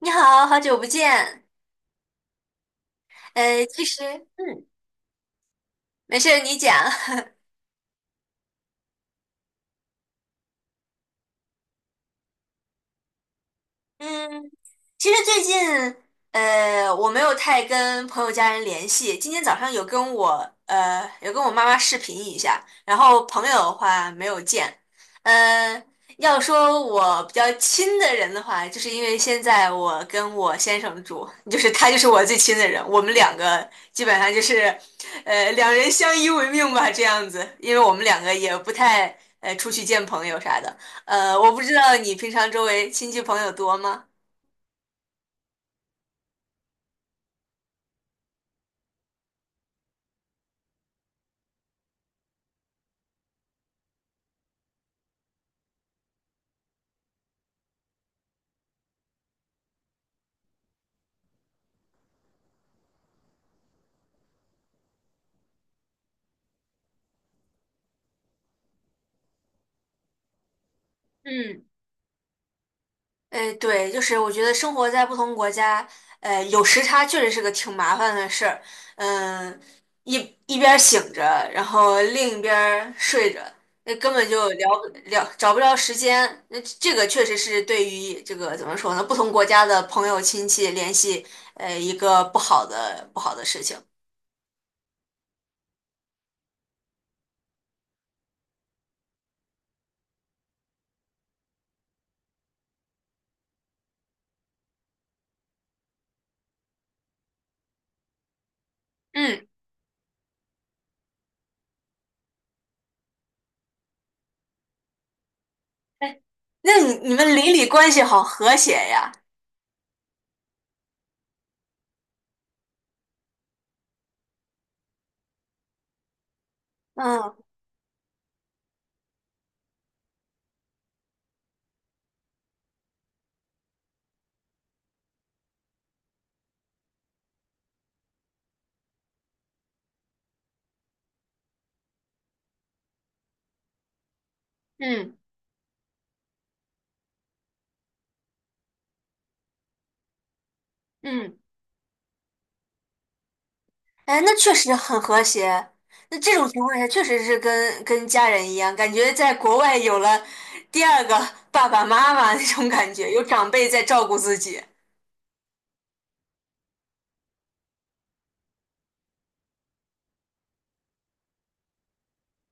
你好，好久不见。其实，嗯，没事儿你讲。嗯，其实最近，我没有太跟朋友家人联系。今天早上有跟我妈妈视频一下，然后朋友的话没有见。呃，要说我比较亲的人的话，就是因为现在我跟我先生住，就是他就是我最亲的人，我们两个基本上就是，两人相依为命吧，这样子。因为我们两个也不太，出去见朋友啥的。我不知道你平常周围亲戚朋友多吗？嗯，哎，对，就是我觉得生活在不同国家，有时差确实是个挺麻烦的事儿。嗯，一一边儿醒着，然后另一边儿睡着，那根本就聊找不着时间。那这个确实是对于这个怎么说呢，不同国家的朋友亲戚联系，一个不好的事情。嗯，哎，那你们邻里关系好和谐呀？嗯嗯嗯。哎，那确实很和谐。那这种情况下，确实是跟家人一样，感觉在国外有了第二个 爸爸妈妈那种感觉，有长辈在照顾自己。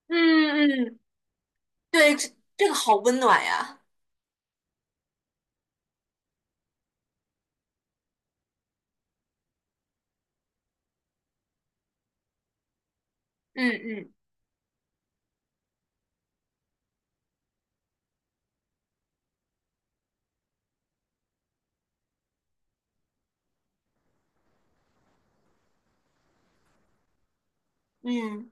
嗯嗯，对，这个好温暖呀。嗯嗯嗯。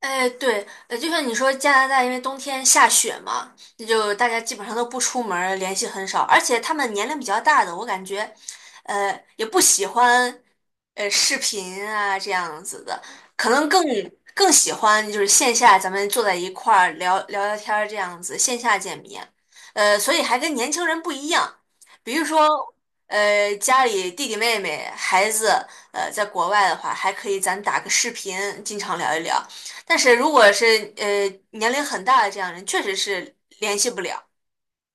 哎，对，就像你说，加拿大因为冬天下雪嘛，那就大家基本上都不出门儿联系很少，而且他们年龄比较大的，我感觉，也不喜欢，视频啊这样子的，可能更喜欢就是线下咱们坐在一块儿聊聊天儿这样子，线下见面，所以还跟年轻人不一样，比如说，家里弟弟妹妹孩子，在国外的话，还可以咱打个视频，经常聊一聊。但是如果是年龄很大的这样人，确实是联系不了，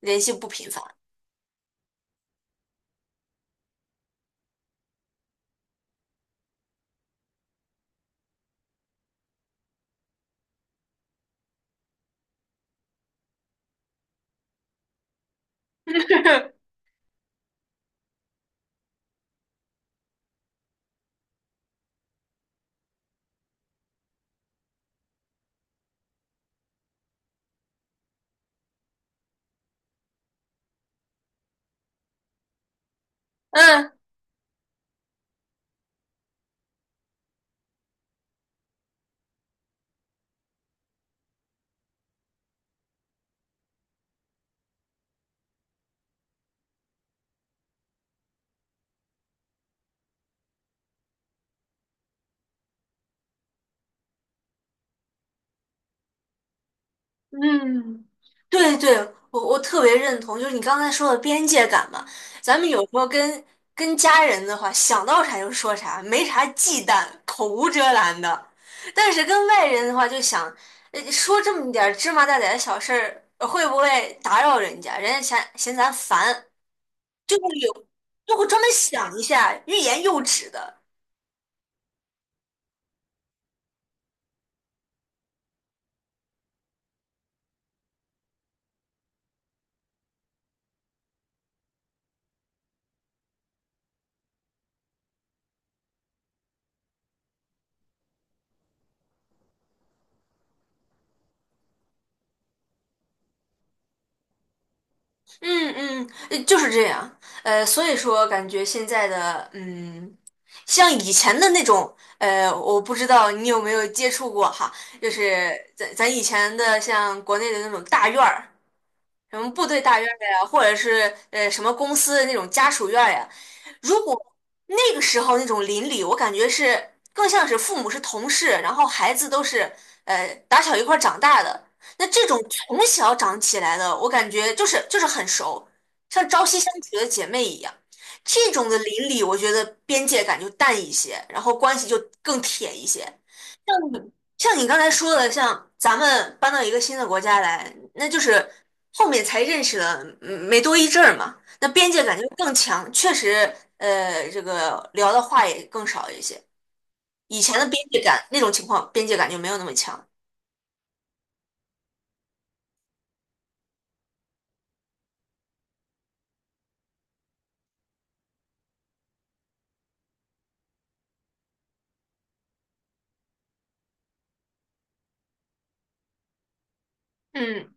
联系不频繁。嗯嗯，对对，我特别认同，就是你刚才说的边界感嘛，咱们有时候跟家人的话，想到啥就说啥，没啥忌惮，口无遮拦的。但是跟外人的话，就想说这么点儿芝麻大点儿的小事儿，会不会打扰人家？人家嫌咱烦，就会有就会专门想一下，欲言又止的。嗯嗯，就是这样。所以说感觉现在的像以前的那种，我不知道你有没有接触过哈，就是咱以前的像国内的那种大院儿，什么部队大院儿呀，或者是什么公司的那种家属院儿呀。如果那个时候那种邻里，我感觉是更像是父母是同事，然后孩子都是打小一块儿长大的。那这种从小长起来的，我感觉就是很熟，像朝夕相处的姐妹一样。这种的邻里，我觉得边界感就淡一些，然后关系就更铁一些。像你刚才说的，像咱们搬到一个新的国家来，那就是后面才认识了，没多一阵儿嘛，那边界感就更强，确实，这个聊的话也更少一些。以前的边界感那种情况，边界感就没有那么强。嗯，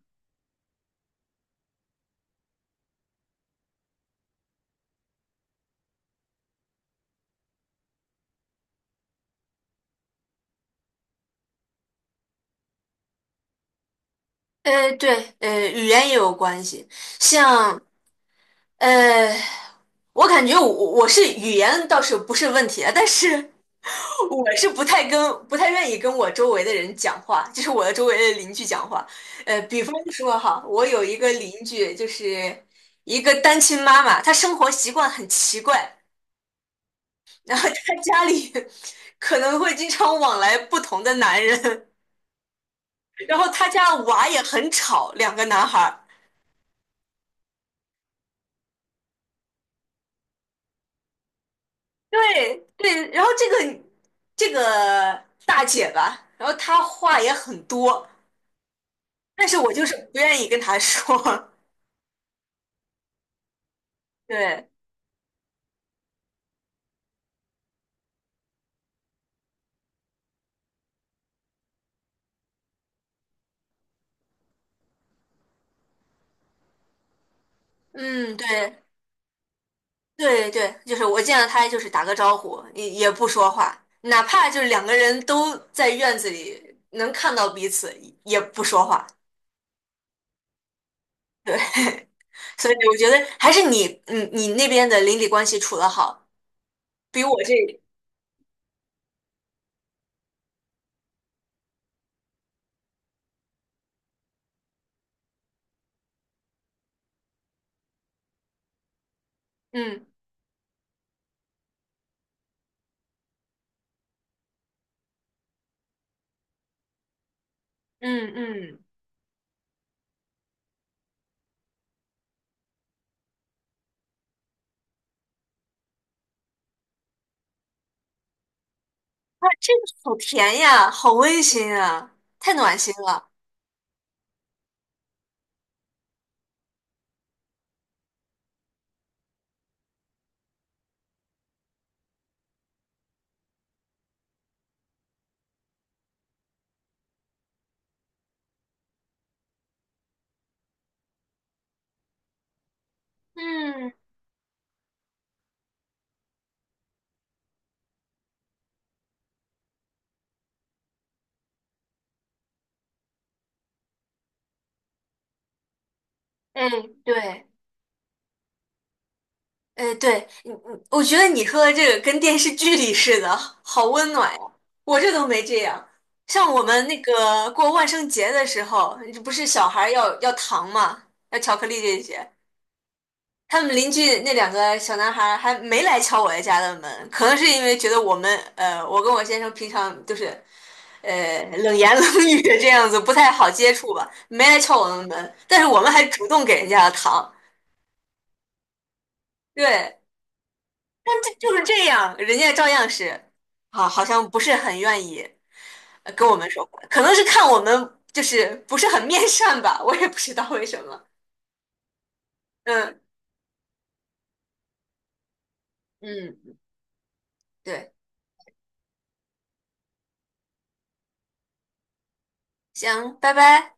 对，语言也有关系。像，呃，我感觉我是语言倒是不是问题啊，但是我是不太愿意跟我周围的人讲话，就是我的周围的邻居讲话。比方说哈，我有一个邻居，就是一个单亲妈妈，她生活习惯很奇怪，然后她家里可能会经常往来不同的男人，然后她家娃也很吵，两个男孩儿。对对，然后这个大姐吧，然后她话也很多，但是我就是不愿意跟她说。对，嗯，对。对对，就是我见到他就是打个招呼，也不说话，哪怕就是两个人都在院子里能看到彼此，也不说话。对，所以我觉得还是你那边的邻里关系处得好，比我这，嗯嗯嗯，哇这个好甜呀，好温馨啊，太暖心了。嗯，哎，对。对，我觉得你说的这个跟电视剧里似的，好温暖呀！我这都没这样。像我们那个过万圣节的时候，这不是小孩儿要糖嘛，要巧克力这些。他们邻居那两个小男孩儿还没来敲我家的门，可能是因为觉得我们，我跟我先生平常就是，冷言冷语这样子不太好接触吧，没来敲我们门，但是我们还主动给人家的糖。对，但这就是这样，人家照样是，好像不是很愿意跟我们说话，可能是看我们就是不是很面善吧，我也不知道为什么。嗯嗯，对，行，拜拜。